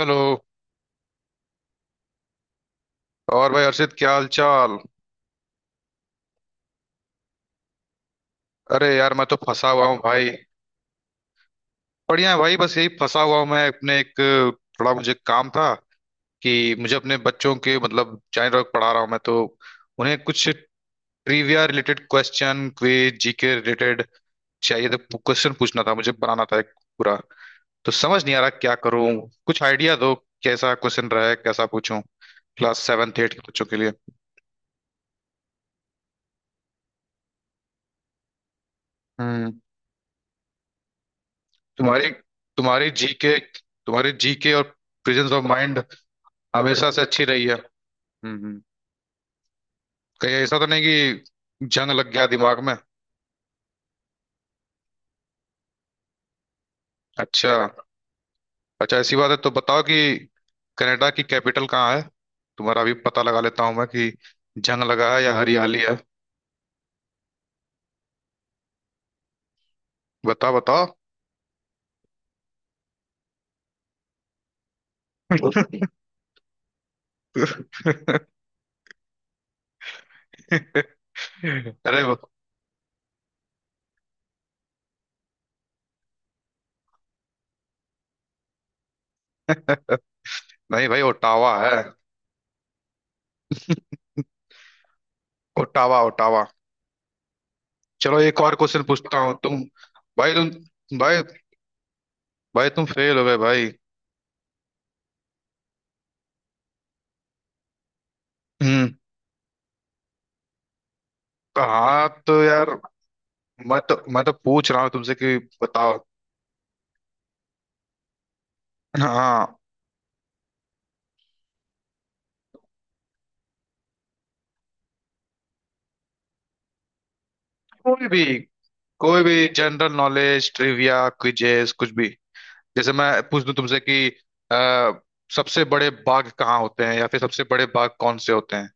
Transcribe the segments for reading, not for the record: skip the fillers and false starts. Hello. और भाई अर्षित, क्या हाल चाल। अरे यार, मैं तो फंसा हुआ हूँ भाई। बढ़िया है भाई, बस यही फंसा हुआ हूँ मैं अपने एक थोड़ा मुझे काम था कि मुझे अपने बच्चों के मतलब चाइल्ड वर्क पढ़ा रहा हूँ मैं, तो उन्हें कुछ trivia related question, quiz, GK related चाहिए, तो क्वेश्चन पूछना था, मुझे बनाना था एक पूरा। तो समझ नहीं आ रहा क्या करूँ, कुछ आइडिया दो। कैसा क्वेश्चन रहे, कैसा पूछूं, क्लास सेवन एट के बच्चों के लिए। हम्म। तुम्हारी तुम्हारी जीके तुम्हारी जीके और प्रेजेंस ऑफ माइंड हमेशा से अच्छी रही है। हम्म। हम्म। कहीं ऐसा तो नहीं कि जंग लग गया दिमाग में। अच्छा। अच्छा, ऐसी बात है तो बताओ कि कनाडा की कैपिटल कहाँ है, तुम्हारा अभी पता लगा लेता हूँ मैं कि जंग लगा है या हरियाली है। बताओ, बताओ। अरे वो- नहीं भाई, ओटावा है। Ottawa, Ottawa. चलो एक और क्वेश्चन पूछता हूँ। तुम भाई भाई तुम फेल हो गए भाई। हम्म। हाँ, तो यार, मैं तो पूछ रहा हूँ तुमसे कि बताओ। हाँ, कोई भी कोई भी जनरल नॉलेज, ट्रिविया, क्विजेस, कुछ भी, जैसे मैं पूछ दूं तुमसे कि आ, सबसे बड़े बाघ कहाँ होते हैं, या फिर सबसे बड़े बाघ कौन से होते हैं।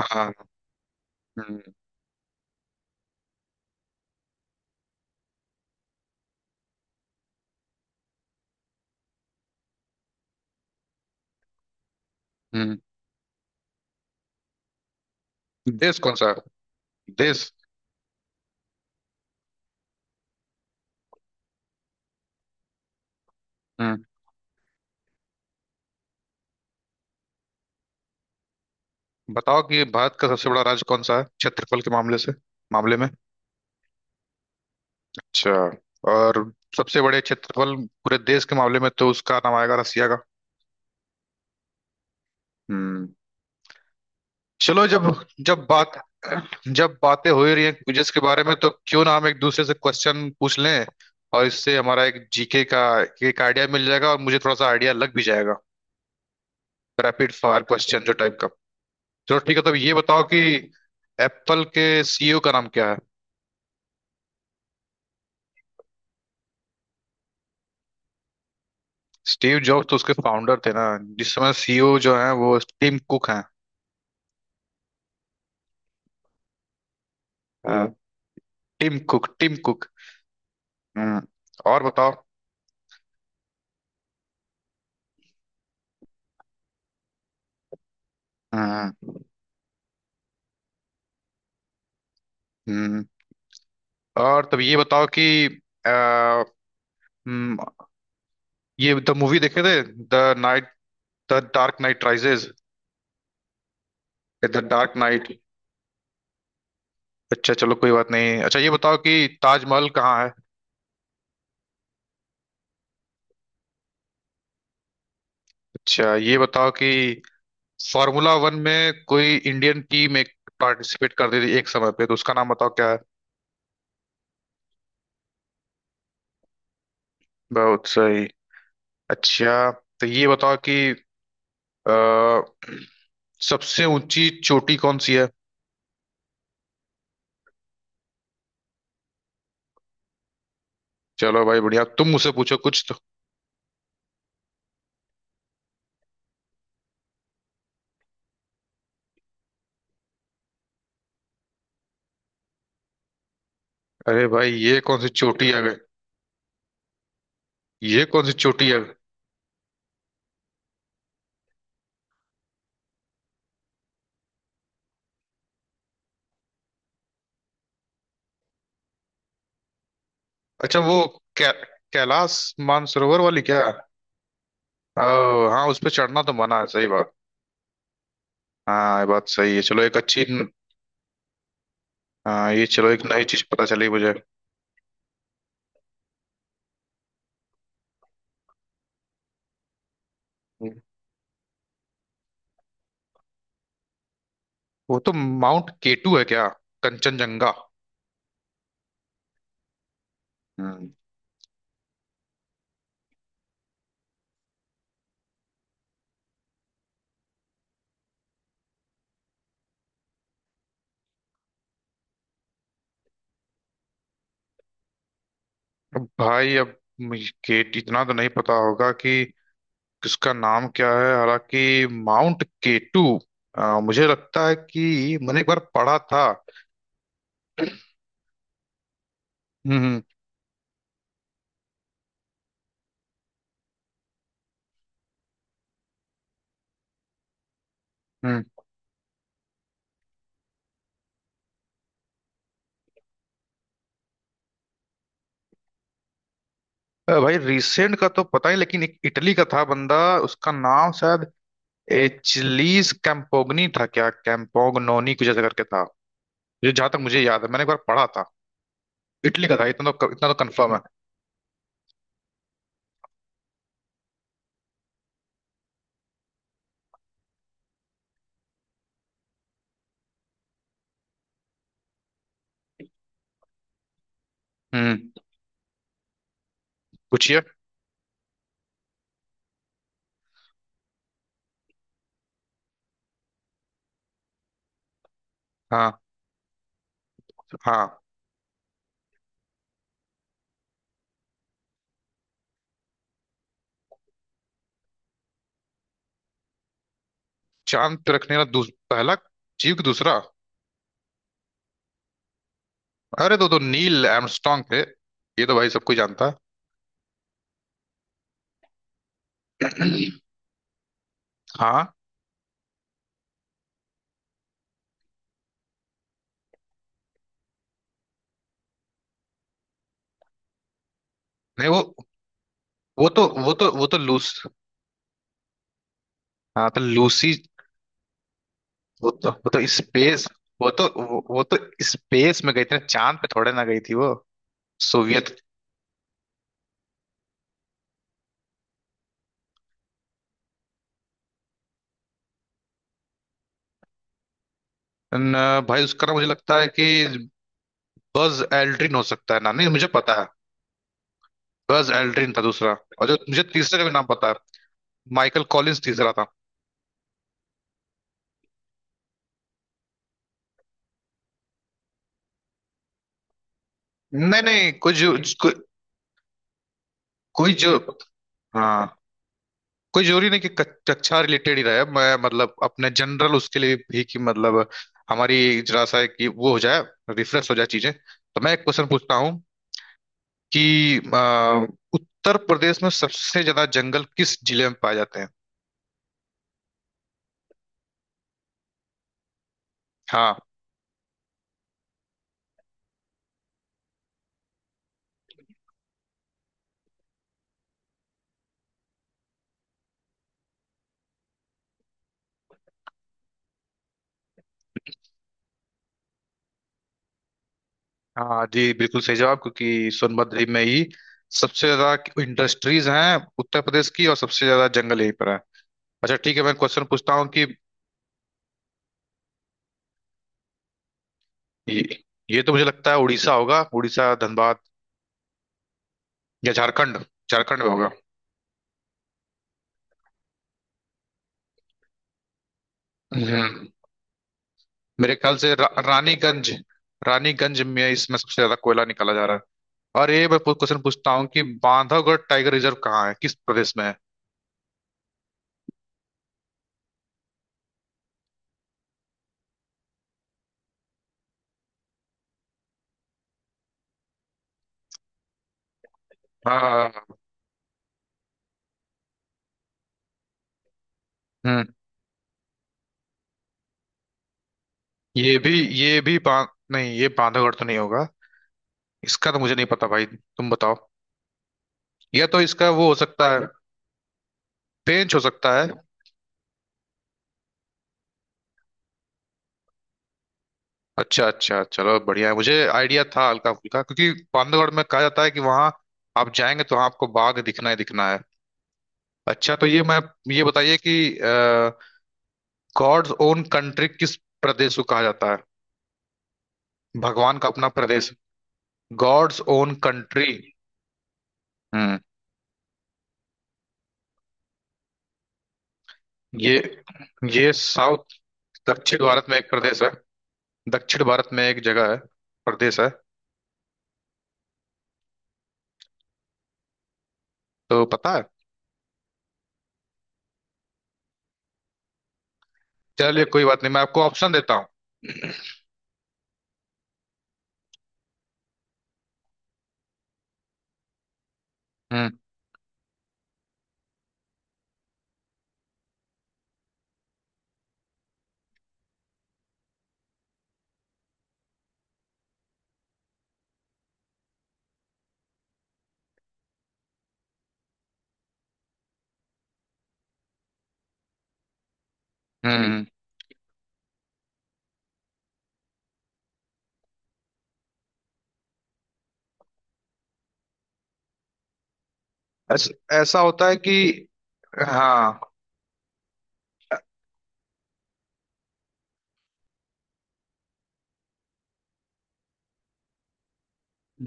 हाँ। हम्म। हम्म। देश कौन सा है, देश। हम्म। बताओ कि भारत का सबसे बड़ा राज्य कौन सा है, क्षेत्रफल के मामले में। अच्छा। और सबसे बड़े क्षेत्रफल पूरे देश के मामले में तो उसका नाम आएगा रसिया का। हम्म। चलो, जब जब बात जब बातें हो ही रही हैं क्विजेस के बारे में, तो क्यों ना हम एक दूसरे से क्वेश्चन पूछ लें, और इससे हमारा एक जीके का एक आइडिया मिल जाएगा, और मुझे थोड़ा सा आइडिया लग भी जाएगा। रैपिड फायर क्वेश्चन जो टाइप का। चलो ठीक है, तब ये बताओ कि एप्पल के सीईओ का नाम क्या है। स्टीव जॉब्स तो उसके फाउंडर थे ना, जिस समय सीईओ जो है वो टिम कुक हैं। हाँ। Tim Cook, Tim Cook. हम्म। और बताओ। हम्म। हम्म। और तब ये बताओ कि अ, हम्म, ये द मूवी देखे थे, the knight the dark knight rises, the dark knight. अच्छा चलो कोई बात नहीं। अच्छा ये बताओ कि ताजमहल कहाँ है। अच्छा ये बताओ कि फार्मूला वन में कोई इंडियन टीम एक पार्टिसिपेट कर रही थी एक समय पे, तो उसका नाम बताओ क्या है। बहुत सही। अच्छा तो ये बताओ कि अ, सबसे ऊंची चोटी कौन सी है। चलो भाई बढ़िया, तुम मुझसे पूछो कुछ तो। अरे भाई, ये कौन सी चोटी आ गई, ये कौन सी चोटी है। अच्छा, वो कै, कैलाश मानसरोवर वाली क्या। ओ, हाँ, उस पे चढ़ना तो मना है, सही बात। हाँ, ये बात सही है। चलो एक अच्छी हाँ, ये चलो, एक नई चीज पता चली मुझे। वो तो माउंट केटू है क्या। कंचनजंगा। हम्म। अब भाई, अब मुझे केट इतना तो नहीं पता होगा कि किसका नाम क्या है, हालांकि माउंट केटू मुझे लगता है कि मैंने एक बार पढ़ा था। हम्म। हम्म। हम्म। भाई, रिसेंट का तो पता ही, लेकिन एक इटली का था बंदा, उसका नाम शायद एचलीस कैम्पोगनी था क्या, कैम्पोगनोनी कुछ ऐसा करके था, जो जहां तक मुझे याद है मैंने एक बार पढ़ा था। इटली का था, इतना तो कंफर्म है। हम्म। पूछिए। हाँ। हाँ। चांद पे रखने वाला पहला जीव, की दूसरा। अरे, तो नील आर्मस्ट्रांग थे, ये तो भाई सब कोई जानता है। हाँ। नहीं, वो तो लूस हाँ, तो लूसी, वो तो स्पेस, वो तो स्पेस में गई थी ना, चांद पे थोड़े ना गई थी वो, सोवियत। न, भाई, उसका ना मुझे लगता है कि बज एल्ड्रिन हो सकता है ना, नहीं, मुझे पता है, बज एल्ड्रिन था दूसरा। और जो मुझे तीसरे का भी नाम पता है, माइकल कॉलिंस तीसरा था। नहीं, नहीं, कोई जो कोई कोई जो हाँ, कोई जरूरी नहीं कि कक्षा रिलेटेड ही रहे, मैं मतलब अपने जनरल उसके लिए भी कि, मतलब हमारी जरा सा है कि वो हो जाए, रिफ्रेश हो जाए चीजें, तो मैं एक क्वेश्चन पूछता हूँ कि अ, उत्तर प्रदेश में सबसे ज्यादा जंगल किस जिले में पाए जाते हैं। हाँ। हाँ जी, बिल्कुल सही जवाब, क्योंकि सोनभद्र में ही सबसे ज्यादा इंडस्ट्रीज हैं उत्तर प्रदेश की, और सबसे ज्यादा जंगल यहीं पर है। अच्छा ठीक है, मैं क्वेश्चन पूछता हूँ कि ये, ये तो मुझे लगता है उड़ीसा होगा, उड़ीसा, धनबाद या झारखंड, झारखंड में होगा। हम्म, मेरे ख्याल से रानीगंज, रानीगंज में इसमें सबसे ज्यादा कोयला निकाला जा रहा है। और ये मैं क्वेश्चन पूछता हूँ कि बांधवगढ़ टाइगर रिजर्व कहाँ है, किस प्रदेश में है। हाँ। हम्म। ये भी ये भी बां, नहीं, ये बांधवगढ़ तो नहीं होगा, इसका तो मुझे नहीं पता भाई, तुम बताओ, या तो इसका वो हो सकता है, पेंच हो सकता है। अच्छा, अच्छा, चलो बढ़िया है, मुझे आइडिया था हल्का फुल्का क्योंकि बांधवगढ़ में कहा जाता है कि वहां आप जाएंगे तो वहाँ आपको बाघ दिखना ही दिखना है। अच्छा, तो ये बताइए कि गॉड्स ओन कंट्री किस प्रदेश को कहा जाता है, भगवान का अपना प्रदेश, गॉड्स ओन कंट्री। हम्म। ये ये साउथ दक्षिण भारत में एक प्रदेश है, दक्षिण भारत में एक जगह है, प्रदेश है, तो पता है। चलिए कोई बात नहीं, मैं आपको ऑप्शन देता हूँ। हम्म। हम्म। हम्म। ऐसा होता है कि, हाँ,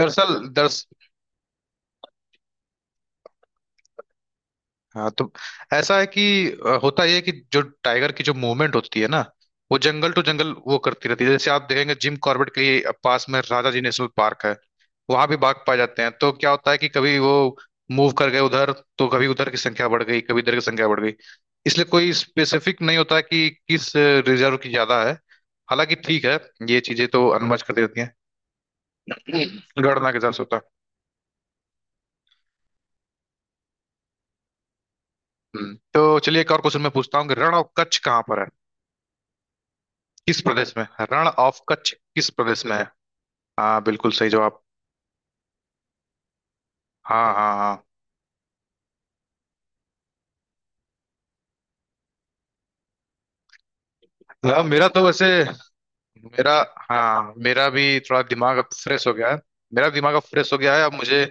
दरअसल, तो ऐसा है कि होता यह है कि जो टाइगर की जो मूवमेंट होती है ना, वो जंगल टू जंगल वो करती रहती है, जैसे आप देखेंगे जिम कॉर्बेट के ही पास में राजा जी नेशनल पार्क है, वहां भी बाघ पाए जाते हैं, तो क्या होता है कि कभी वो मूव कर गए उधर, तो कभी उधर की संख्या बढ़ गई, कभी इधर की संख्या बढ़ गई, इसलिए कोई स्पेसिफिक नहीं होता कि किस रिजर्व की ज्यादा है, हालांकि ठीक है, ये चीजें तो अनुमति कर देती हैं, गणना के हिसाब से होता है। हम्म। तो चलिए एक और क्वेश्चन मैं पूछता हूँ कि रण ऑफ कच्छ कहाँ पर है, किस प्रदेश में है? रण ऑफ कच्छ किस प्रदेश में है। हाँ बिल्कुल सही जवाब। हाँ, हाँ, हाँ। हाँ, मेरा तो वैसे मेरा हाँ, मेरा भी थोड़ा दिमाग अब फ्रेश हो गया है, मेरा दिमाग अब फ्रेश हो गया है, अब मुझे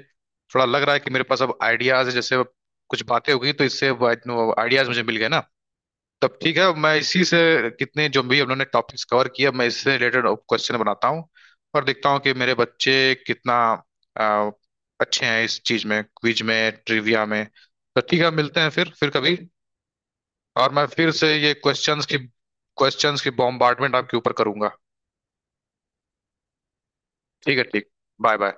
थोड़ा लग रहा है कि मेरे पास अब आइडियाज है, जैसे अब कुछ बातें हो गई तो इससे आइडियाज मुझे मिल गए ना, तब ठीक है मैं इसी से कितने जो भी उन्होंने टॉपिक्स कवर किया मैं इससे रिलेटेड क्वेश्चन बनाता हूँ, और देखता हूँ कि मेरे बच्चे कितना अ, अच्छे हैं इस चीज में, क्विज में, ट्रिविया में। तो ठीक है, मिलते हैं फिर कभी, और मैं फिर से ये क्वेश्चंस की बॉम्बार्डमेंट आपके ऊपर करूंगा। ठीक है। ठीक। Bye bye.